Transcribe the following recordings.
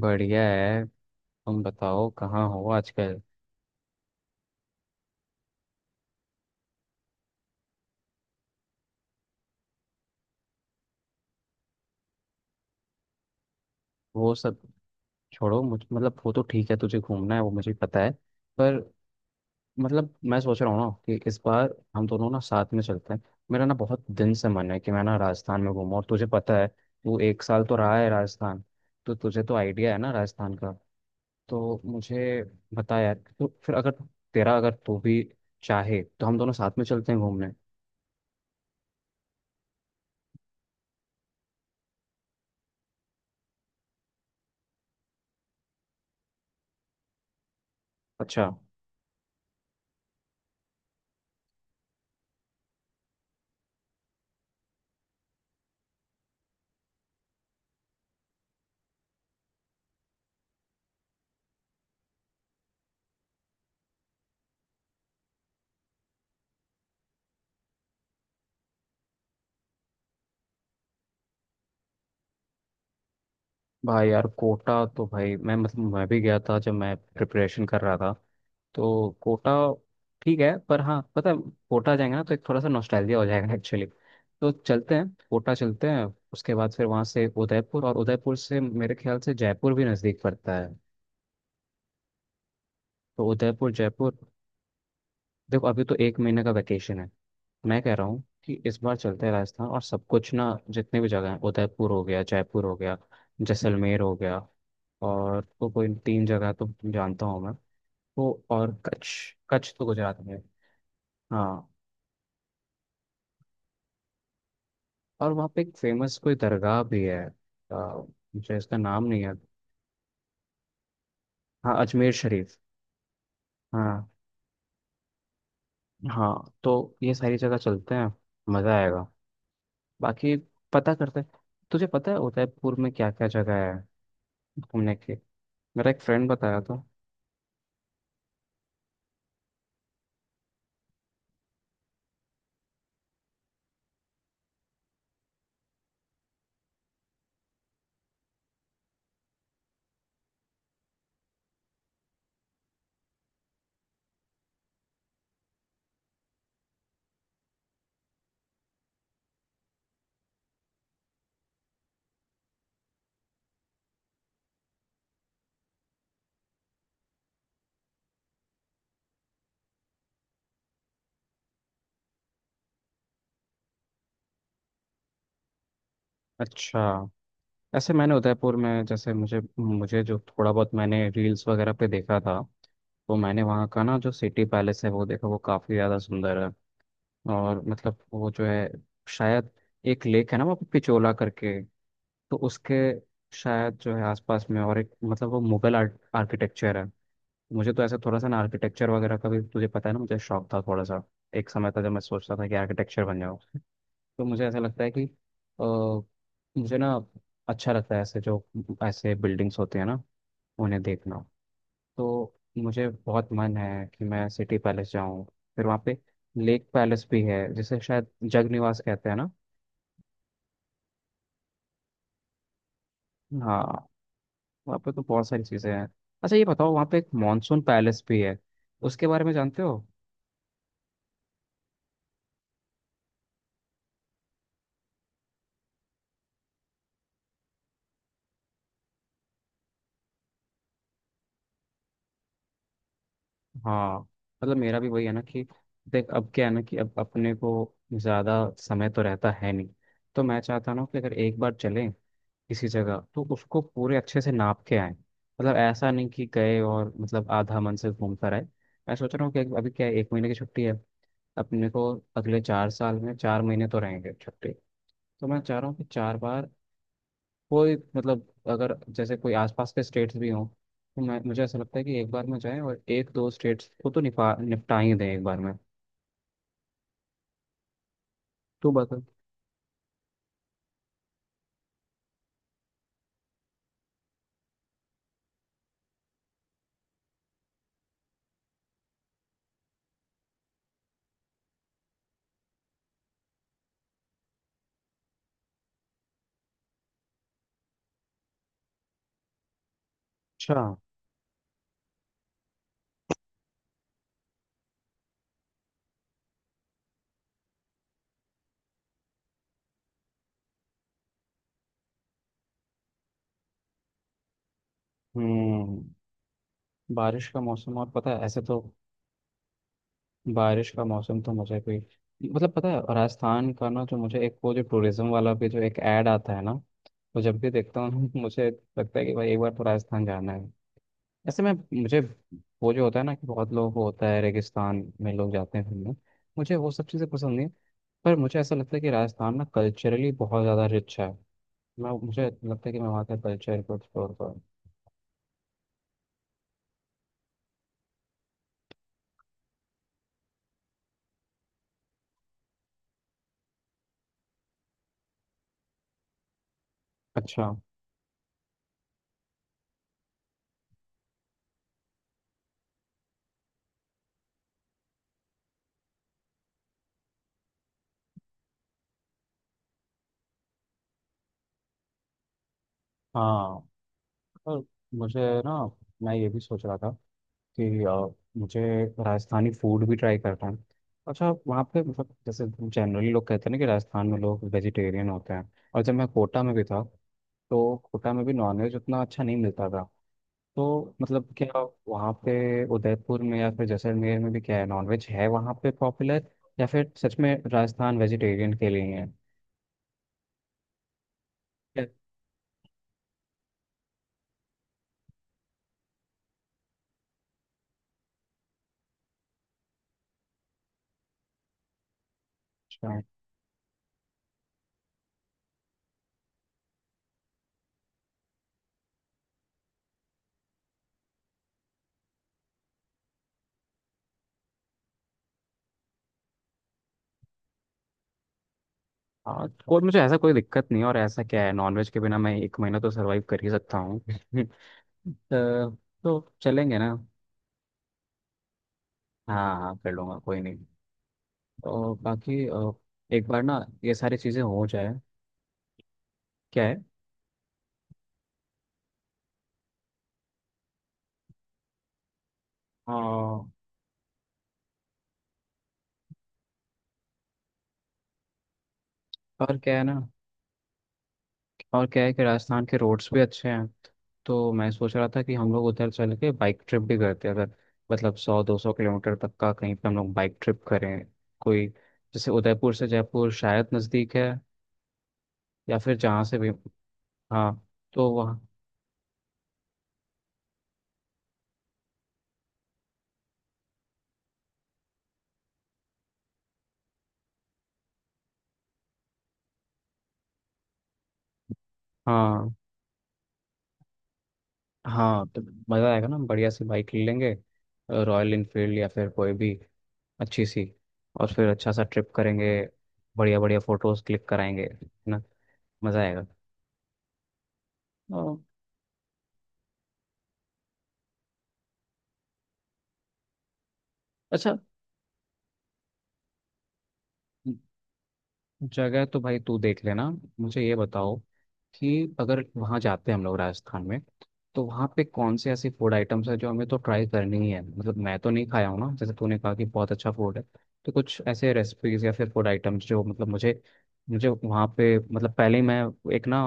बढ़िया है। तुम बताओ कहाँ हो आजकल। वो सब छोड़ो, मुझ मतलब वो तो ठीक है, तुझे घूमना है वो मुझे पता है। पर मतलब मैं सोच रहा हूँ ना कि इस बार हम दोनों ना साथ में चलते हैं। मेरा ना बहुत दिन से मन है कि मैं ना राजस्थान में घूमूं, और तुझे पता है वो एक साल तो रहा है राजस्थान। तो तुझे तो आइडिया है ना राजस्थान का। तो मुझे बता यार, तो फिर अगर तेरा अगर तू भी चाहे तो हम दोनों साथ में चलते हैं घूमने। अच्छा। भाई यार कोटा तो भाई, मैं मतलब मैं भी गया था जब मैं प्रिपरेशन कर रहा था, तो कोटा ठीक है। पर हाँ पता है, कोटा जाएंगे ना तो एक थोड़ा सा नॉस्टैल्जिया हो जाएगा एक्चुअली। तो चलते हैं, कोटा चलते हैं। उसके बाद फिर वहाँ से उदयपुर, और उदयपुर से मेरे ख्याल से जयपुर भी नज़दीक पड़ता है। तो उदयपुर जयपुर। देखो अभी तो एक महीने का वैकेशन है। मैं कह रहा हूँ कि इस बार चलते हैं राजस्थान, और सब कुछ ना जितने भी जगह हैं, उदयपुर हो गया, जयपुर हो गया, जैसलमेर हो गया। और तो कोई तीन जगह तो जानता हूँ मैं, वो और कच्छ। कच्छ तो गुजरात में है। हाँ। और वहाँ पे एक फेमस कोई दरगाह भी है। आ, मुझे इसका नाम नहीं याद। हाँ, अजमेर शरीफ। हाँ हाँ, तो ये सारी जगह चलते हैं, मज़ा आएगा। बाकी पता करते हैं। तुझे पता है उदयपुर में क्या क्या जगह है घूमने की? मेरा एक फ्रेंड बताया था। अच्छा, ऐसे मैंने उदयपुर में जैसे मुझे मुझे जो थोड़ा बहुत मैंने रील्स वगैरह पे देखा था, तो मैंने वहाँ का ना जो सिटी पैलेस है वो देखा, वो काफ़ी ज़्यादा सुंदर है। और मतलब वो जो है, शायद एक लेक है ना वहाँ पे पिचोला करके। तो उसके शायद जो है आसपास में, और एक मतलब वो मुगल आर्ट आर्किटेक्चर है। मुझे तो ऐसा थोड़ा सा ना आर्किटेक्चर वगैरह का भी, तुझे पता है ना, मुझे शौक था थोड़ा सा। एक समय था जब मैं सोचता था कि आर्किटेक्चर बन जाऊँ। तो मुझे ऐसा लगता है कि अ, मुझे ना अच्छा लगता है ऐसे जो ऐसे बिल्डिंग्स होते हैं ना, उन्हें देखना। तो मुझे बहुत मन है कि मैं सिटी पैलेस जाऊं। फिर वहाँ पे लेक पैलेस भी है जिसे शायद जग निवास कहते हैं ना। हाँ। वहाँ पे तो बहुत सारी चीज़ें हैं। अच्छा ये बताओ, वहाँ पे एक मॉनसून पैलेस भी है, उसके बारे में जानते हो? हाँ, मतलब मेरा भी वही है ना कि, देख अब क्या है ना, कि अब अपने को ज़्यादा समय तो रहता है नहीं। तो मैं चाहता ना कि अगर एक बार चलें किसी जगह तो उसको पूरे अच्छे से नाप के आए, मतलब ऐसा नहीं कि गए और मतलब आधा मन से घूम कर आए। मैं सोच रहा हूँ कि अभी क्या है, एक महीने की छुट्टी है अपने को। अगले 4 साल में 4 महीने तो रहेंगे छुट्टी। तो मैं चाह रहा हूँ कि चार बार कोई मतलब, अगर जैसे कोई आसपास के स्टेट्स भी हों, तो मैं मुझे ऐसा लगता है कि एक बार में जाएं और एक दो स्टेट्स को तो निपा निपटा ही दें एक बार में। तू बता। अच्छा। हम्म। बारिश का मौसम, और पता है ऐसे तो बारिश का मौसम तो मुझे कोई मतलब, पता है राजस्थान का ना जो मुझे एक वो जो टूरिज्म वाला भी जो एक ऐड आता है ना, तो जब भी देखता हूँ मुझे लगता है कि भाई एक बार तो राजस्थान जाना है। ऐसे में मुझे वो जो होता है ना कि बहुत लोगों को होता है, रेगिस्तान में लोग जाते हैं घूमने। मुझे वो सब चीज़ें पसंद नहीं। पर मुझे ऐसा लगता है कि राजस्थान ना कल्चरली बहुत ज़्यादा रिच है। मैं मुझे लगता है कि मैं वहाँ के कल्चर को एक्सप्लोर करूँ। अच्छा। हाँ पर मुझे ना, मैं ये भी सोच रहा था कि मुझे राजस्थानी फूड भी ट्राई करना है। अच्छा वहाँ पे मतलब जैसे जनरली लोग कहते हैं ना कि राजस्थान में लोग वेजिटेरियन होते हैं, और जब मैं कोटा में भी था तो कोटा में भी नॉनवेज उतना अच्छा नहीं मिलता था। तो मतलब क्या वहाँ पे उदयपुर में या फिर जैसलमेर में भी क्या है, नॉनवेज है वहाँ पे पॉपुलर, या फिर सच में राजस्थान वेजिटेरियन के लिए है? अच्छा। हाँ कोई, मुझे ऐसा कोई दिक्कत नहीं है, और ऐसा क्या है, नॉनवेज के बिना मैं एक महीना तो सरवाइव कर ही सकता हूँ। तो, तो चलेंगे ना। हाँ हाँ, कर लूँगा, कोई नहीं। और बाकी एक बार ना ये सारी चीज़ें हो जाए। क्या है अ, और क्या है ना और क्या है कि राजस्थान के रोड्स भी अच्छे हैं, तो मैं सोच रहा था कि हम लोग उधर चल के बाइक ट्रिप भी करते हैं, अगर, मतलब 100-200 किलोमीटर तक का कहीं पे हम लोग बाइक ट्रिप करें, कोई जैसे उदयपुर से जयपुर शायद नज़दीक है, या फिर जहाँ से भी। हाँ, तो वहाँ। हाँ हाँ, तो मज़ा आएगा ना, बढ़िया सी बाइक ले लेंगे, रॉयल इनफील्ड या फिर कोई भी अच्छी सी, और फिर अच्छा सा ट्रिप करेंगे, बढ़िया बढ़िया फ़ोटोज़ क्लिक कराएंगे, है ना, मज़ा आएगा। और अच्छा, जगह तो भाई तू देख लेना। मुझे ये बताओ कि अगर वहाँ जाते हैं हम लोग राजस्थान में, तो वहाँ पे कौन से ऐसे फूड आइटम्स हैं जो हमें तो ट्राई करनी ही है, मतलब मैं तो नहीं खाया हूँ ना, जैसे तूने कहा कि बहुत अच्छा फूड है। तो कुछ ऐसे रेसिपीज या फिर फूड आइटम्स जो मतलब मुझे मुझे वहाँ पे मतलब पहले ही मैं, एक ना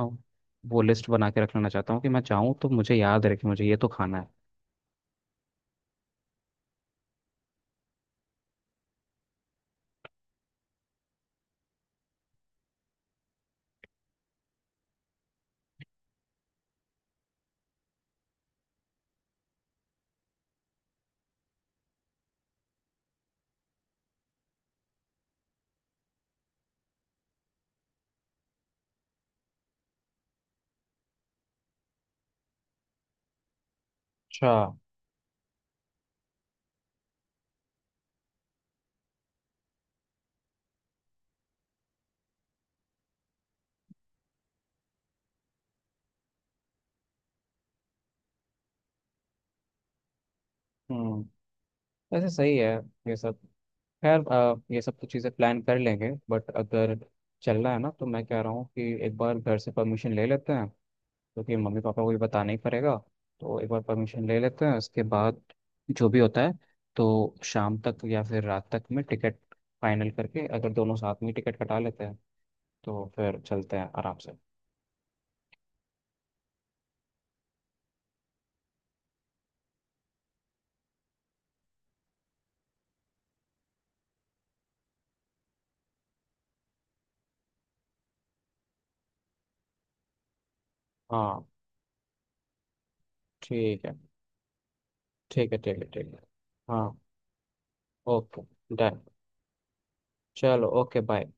वो लिस्ट बना के रख लेना चाहता हूँ कि मैं जाऊँ तो मुझे याद रहे कि मुझे ये तो खाना है। अच्छा। हम्म। वैसे सही है ये सब। खैर ये सब तो चीज़ें प्लान कर लेंगे, बट अगर चलना है ना, तो मैं कह रहा हूँ कि एक बार घर से परमिशन ले लेते हैं, क्योंकि मम्मी पापा को भी बताना ही पड़ेगा। तो एक बार परमिशन ले लेते हैं, उसके बाद जो भी होता है, तो शाम तक या फिर रात तक में टिकट फाइनल करके, अगर दोनों साथ में टिकट कटा लेते हैं, तो फिर चलते हैं आराम से। हाँ। ठीक है ठीक है ठीक है ठीक है। हाँ। ओके। डन। चलो, ओके, बाय।